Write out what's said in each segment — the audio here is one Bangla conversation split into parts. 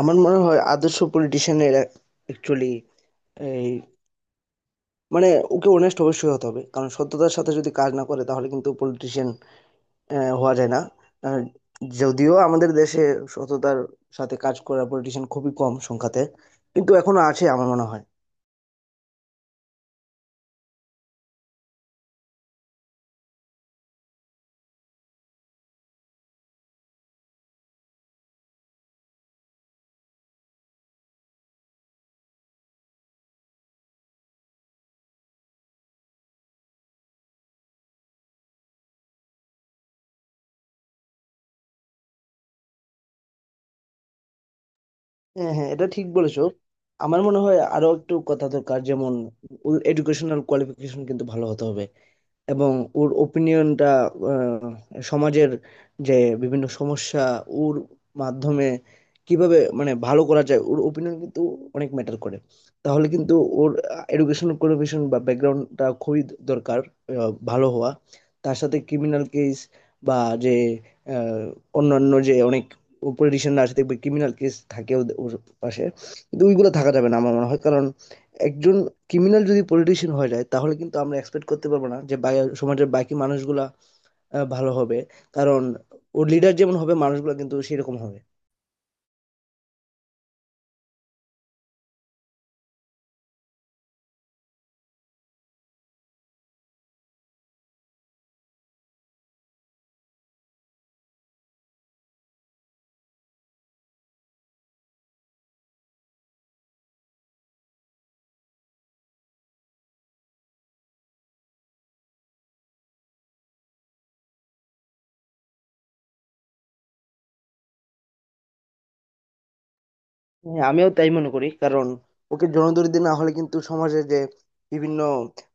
আমার মনে হয় আদর্শ পলিটিশিয়ানের অ্যাকচুয়ালি এই মানে ওকে অনেস্ট অবশ্যই হতে হবে, কারণ সততার সাথে যদি কাজ না করে তাহলে কিন্তু পলিটিশিয়ান হওয়া যায় না। আহ, যদিও আমাদের দেশে সততার সাথে কাজ করা পলিটিশিয়ান খুবই কম সংখ্যাতে, কিন্তু এখনো আছে আমার মনে হয়। হ্যাঁ, হ্যাঁ, এটা ঠিক বলেছো। আমার মনে হয় আরো একটু কথা দরকার, যেমন এডুকেশনাল কোয়ালিফিকেশন কিন্তু ভালো হতে হবে, এবং ওর ওপিনিয়নটা, সমাজের যে বিভিন্ন সমস্যা ওর মাধ্যমে কিভাবে ভালো করা যায় ওর ওপিনিয়ন কিন্তু অনেক ম্যাটার করে। তাহলে কিন্তু ওর এডুকেশন কোয়ালিফিকেশন বা ব্যাকগ্রাউন্ডটা খুবই দরকার ভালো হওয়া। তার সাথে ক্রিমিনাল কেস বা যে আহ, অন্যান্য যে অনেক পলিটিশিয়ানরা আছে দেখবে ক্রিমিনাল কেস থাকে ওর পাশে, কিন্তু ওইগুলো থাকা যাবে না আমার মনে হয়। কারণ একজন ক্রিমিনাল যদি পলিটিশিয়ান হয়ে যায় তাহলে কিন্তু আমরা এক্সপেক্ট করতে পারবো না যে সমাজের বাকি মানুষগুলা ভালো হবে, কারণ ওর লিডার যেমন হবে মানুষগুলা কিন্তু সেরকম হবে। আমিও তাই মনে করি, কারণ ওকে জনদরদি না হলে কিন্তু সমাজে যে বিভিন্ন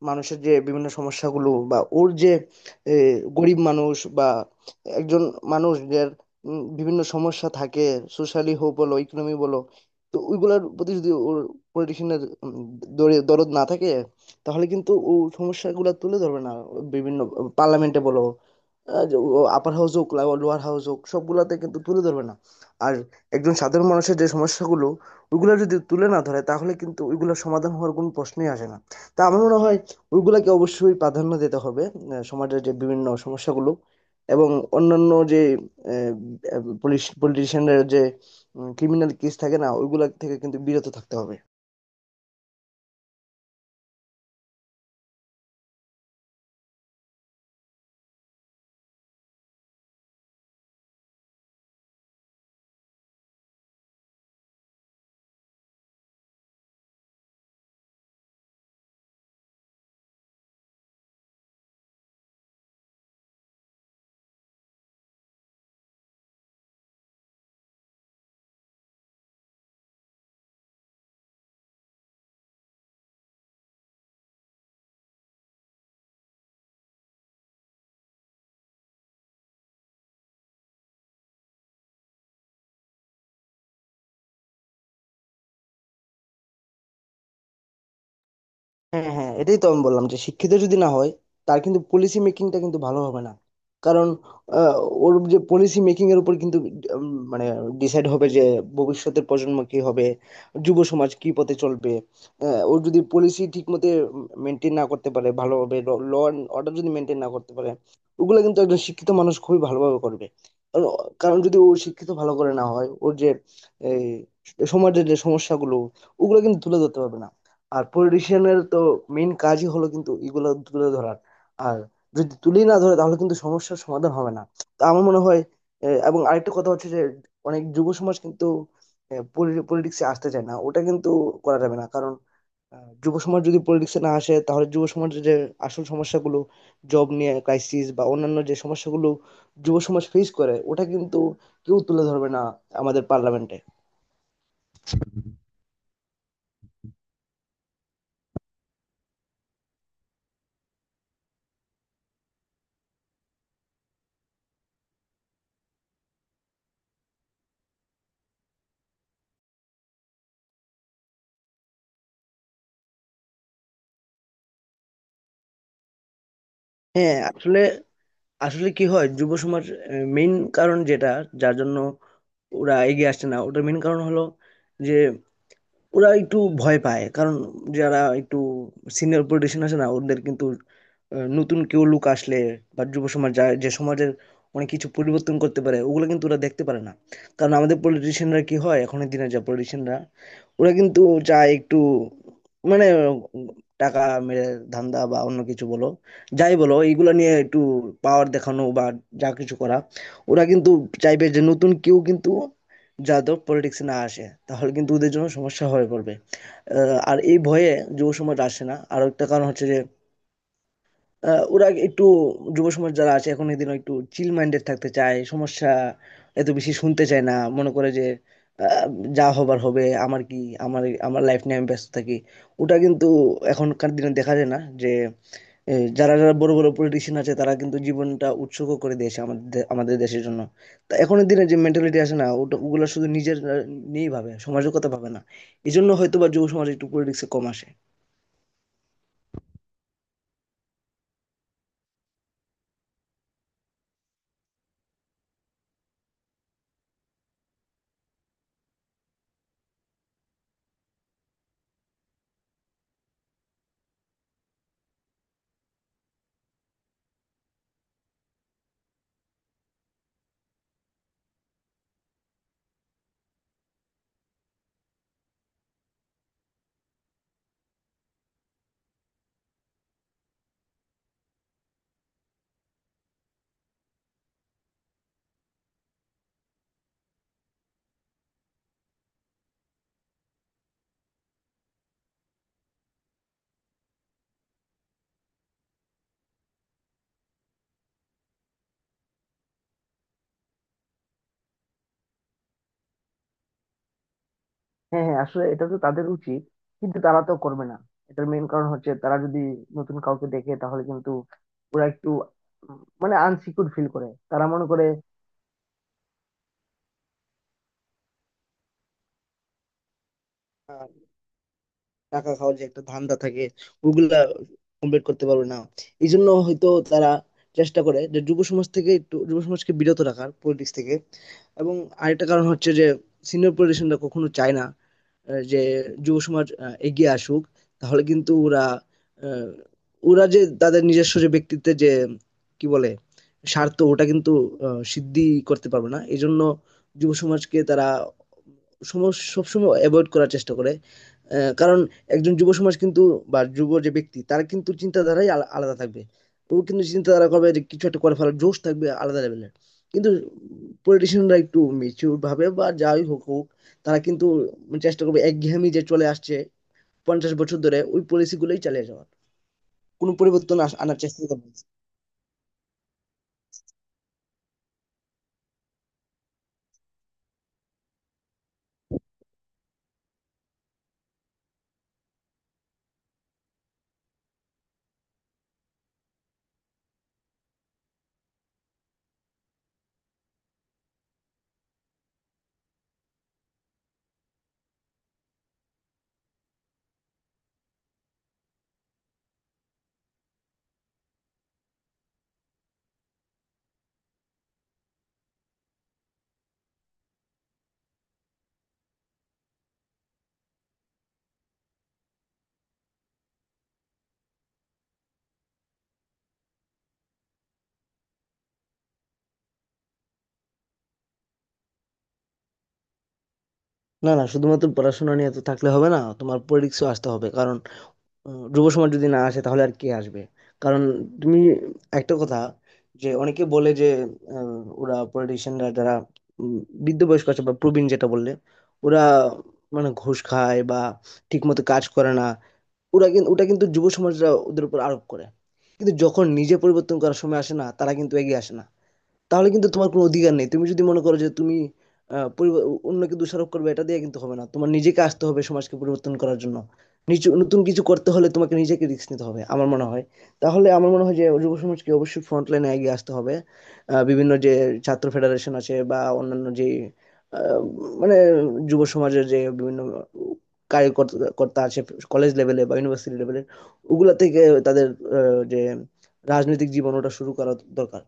মানুষের যে বিভিন্ন সমস্যাগুলো, বা ওর যে এ, গরিব মানুষ বা একজন মানুষ যার বিভিন্ন সমস্যা থাকে সোশ্যালি হোক বলো ইকোনমি বলো, তো ওইগুলোর প্রতি যদি ওর পলিটিশিয়ানের দরদ না থাকে তাহলে কিন্তু ও সমস্যাগুলো তুলে ধরবে না। বিভিন্ন পার্লামেন্টে বলো, আপার হাউস হোক লোয়ার হাউস হোক সবগুলাতে কিন্তু তুলে ধরবে না। আর একজন সাধারণ মানুষের যে সমস্যাগুলো ওইগুলো যদি তুলে না ধরে তাহলে কিন্তু ওইগুলোর সমাধান হওয়ার কোনো প্রশ্নই আসে না। তা আমার মনে হয় ওইগুলাকে অবশ্যই প্রাধান্য দিতে হবে, সমাজের যে বিভিন্ন সমস্যাগুলো, এবং অন্যান্য যে পলিটিশিয়ানদের যে ক্রিমিনাল কেস থাকে না ওইগুলা থেকে কিন্তু বিরত থাকতে হবে। হ্যাঁ, হ্যাঁ, এটাই তো আমি বললাম যে শিক্ষিত যদি না হয় তার কিন্তু পলিসি মেকিংটা কিন্তু ভালো হবে না। কারণ আহ, ওর যে পলিসি মেকিং এর উপর কিন্তু উম, মানে ডিসাইড হবে যে ভবিষ্যতের প্রজন্ম কি হবে, যুব সমাজ কি পথে চলবে। ও যদি পলিসি ঠিক মতো মেনটেন না করতে পারে ভালোভাবে, ল অ্যান্ড অর্ডার যদি মেনটেন না করতে পারে, ওগুলো কিন্তু একজন শিক্ষিত মানুষ খুবই ভালোভাবে করবে। কারণ কারণ যদি ও শিক্ষিত ভালো করে না হয় ওর যে এই, সমাজের যে সমস্যাগুলো ওগুলো কিন্তু তুলে ধরতে পারবে না। আর পলিটিশিয়ানের তো মেইন কাজই হলো কিন্তু এগুলো তুলে ধরার, আর যদি তুলেই না ধরে তাহলে কিন্তু সমস্যার সমাধান হবে না। তো আমার মনে হয় এবং আরেকটা কথা হচ্ছে যে অনেক যুব সমাজ কিন্তু পলিটিক্সে আসতে চায় না, ওটা কিন্তু করা যাবে না। কারণ যুব সমাজ যদি পলিটিক্সে না আসে তাহলে যুব সমাজের যে আসল সমস্যাগুলো, জব নিয়ে ক্রাইসিস বা অন্যান্য যে সমস্যাগুলো যুব সমাজ ফেস করে ওটা কিন্তু কেউ তুলে ধরবে না আমাদের পার্লামেন্টে। আসলে, আসলে কি হয়, যুব সমাজ মেইন কারণ যেটা, যার জন্য ওরা এগিয়ে আসছে না ওটার মেইন কারণ হলো যে ওরা একটু ভয় পায়। কারণ যারা একটু সিনিয়র পলিটিশিয়ান আছে না ওদের কিন্তু নতুন কেউ লোক আসলে বা যুব সমাজ যে সমাজের অনেক কিছু পরিবর্তন করতে পারে ওগুলো কিন্তু ওরা দেখতে পারে না। কারণ আমাদের পলিটিশিয়ানরা কি হয়, এখনের দিনে যা পলিটিশিয়ানরা, ওরা কিন্তু চায় একটু মানে টাকা মেরে ধান্দা বা অন্য কিছু বলো, যাই বলো এইগুলা নিয়ে একটু পাওয়ার দেখানো বা যা কিছু করা। ওরা কিন্তু চাইবে যে নতুন কেউ কিন্তু যাদব পলিটিক্সে না আসে, তাহলে কিন্তু ওদের জন্য সমস্যা হয়ে পড়বে। আর এই ভয়ে যুব সমাজ আসে না। আর একটা কারণ হচ্ছে যে ওরা একটু, যুব সমাজ যারা আছে এখন এদিন একটু চিল মাইন্ডেড থাকতে চায়, সমস্যা এত বেশি শুনতে চায় না, মনে করে যে আহ, যা হবার হবে, আমার কি, আমার আমার লাইফ নিয়ে আমি ব্যস্ত থাকি। ওটা কিন্তু এখনকার দিনে দেখা যায় না যে এ যারা বড়, বড় পলিটিশিয়ান আছে তারা কিন্তু জীবনটা উৎসর্গ করে দিয়েছে আমাদের আমাদের দেশের জন্য। তা এখনের দিনে যে মেন্টালিটি আছে না ওটা ওগুলা শুধু নিজের নিয়েই ভাবে, সমাজের কথা ভাবে না। এজন্য হয়তোবা যুব সমাজে একটু পলিটিক্সে কম আসে। হ্যাঁ, হ্যাঁ, আসলে এটা তো তাদের উচিত, কিন্তু তারা তো করবে না। এটার মেইন কারণ হচ্ছে তারা যদি নতুন কাউকে দেখে তাহলে কিন্তু ওরা একটু উম, মানে আনসিকিউর ফিল করে, তারা মনে করে টাকা খাওয়ার যে একটা ধান্দা থাকে ওগুলা কমপ্লিট করতে পারবে না। এই জন্য হয়তো তারা চেষ্টা করে যে যুব সমাজ থেকে একটু, যুব সমাজকে বিরত রাখার পলিটিক্স থেকে। এবং আরেকটা কারণ হচ্ছে যে সিনিয়র পলিটিশিয়ানরা কখনো চায় না যে যুব সমাজ এগিয়ে আসুক, তাহলে কিন্তু ওরা আহ, ওরা যে তাদের নিজস্ব যে ব্যক্তিত্বের যে, কি বলে, স্বার্থ ওটা কিন্তু সিদ্ধি করতে পারবে না। এই জন্য যুব সমাজকে তারা সবসময় অ্যাভয়েড করার চেষ্টা করে। কারণ একজন যুব সমাজ কিন্তু, বা যুব যে ব্যক্তি, তার কিন্তু চিন্তাধারাই আলাদা থাকবে। ও কিন্তু চিন্তাধারা করবে যে কিছু একটা করে ফেলার জোশ থাকবে আলাদা লেভেলের। কিন্তু পলিটিশিয়ানরা একটু মেচিউর ভাবে বা যাই হোক হোক, তারা কিন্তু চেষ্টা করবে একঘেয়েমি যে চলে আসছে 50 বছর ধরে ওই পলিসি গুলোই চালিয়ে যাওয়ার, কোনো পরিবর্তন আনার চেষ্টা করবে। না, না, না, শুধুমাত্র পড়াশোনা নিয়ে তো থাকলে হবে না, তোমার পলিটিক্সও আসতে হবে। কারণ যুব সমাজ যদি না আসে তাহলে আর কে আসবে? কারণ তুমি একটা কথা, যে অনেকে বলে যে ওরা পলিটিশিয়ানরা যারা উম, বৃদ্ধ বয়স্ক আছে বা প্রবীণ যেটা বললে, ওরা ঘুষ খায় বা ঠিক মতো কাজ করে না, ওরা কিন্তু ওটা কিন্তু যুব সমাজরা ওদের উপর আরোপ করে, কিন্তু যখন নিজে পরিবর্তন করার সময় আসে না তারা কিন্তু এগিয়ে আসে না। তাহলে কিন্তু তোমার কোনো অধিকার নেই, তুমি যদি মনে করো যে তুমি আহ, পরিব- অন্যকে দোষারোপ করবে এটা দিয়ে কিন্তু হবে না, তোমার নিজেকে আসতে হবে সমাজকে পরিবর্তন করার জন্য। নিচু নতুন কিছু করতে হলে তোমাকে নিজেকে রিস্ক নিতে হবে আমার মনে হয়। তাহলে আমার মনে হয় যে যুব সমাজকে অবশ্যই ফ্রন্ট লাইনে এগিয়ে আসতে হবে। বিভিন্ন যে ছাত্র ফেডারেশন আছে বা অন্যান্য যে আহ, মানে যুব সমাজের যে বিভিন্ন কার্যকর্তা আছে কলেজ লেভেলে বা ইউনিভার্সিটি লেভেলে, ওগুলা থেকে তাদের যে রাজনৈতিক জীবন ওটা শুরু করা দরকার।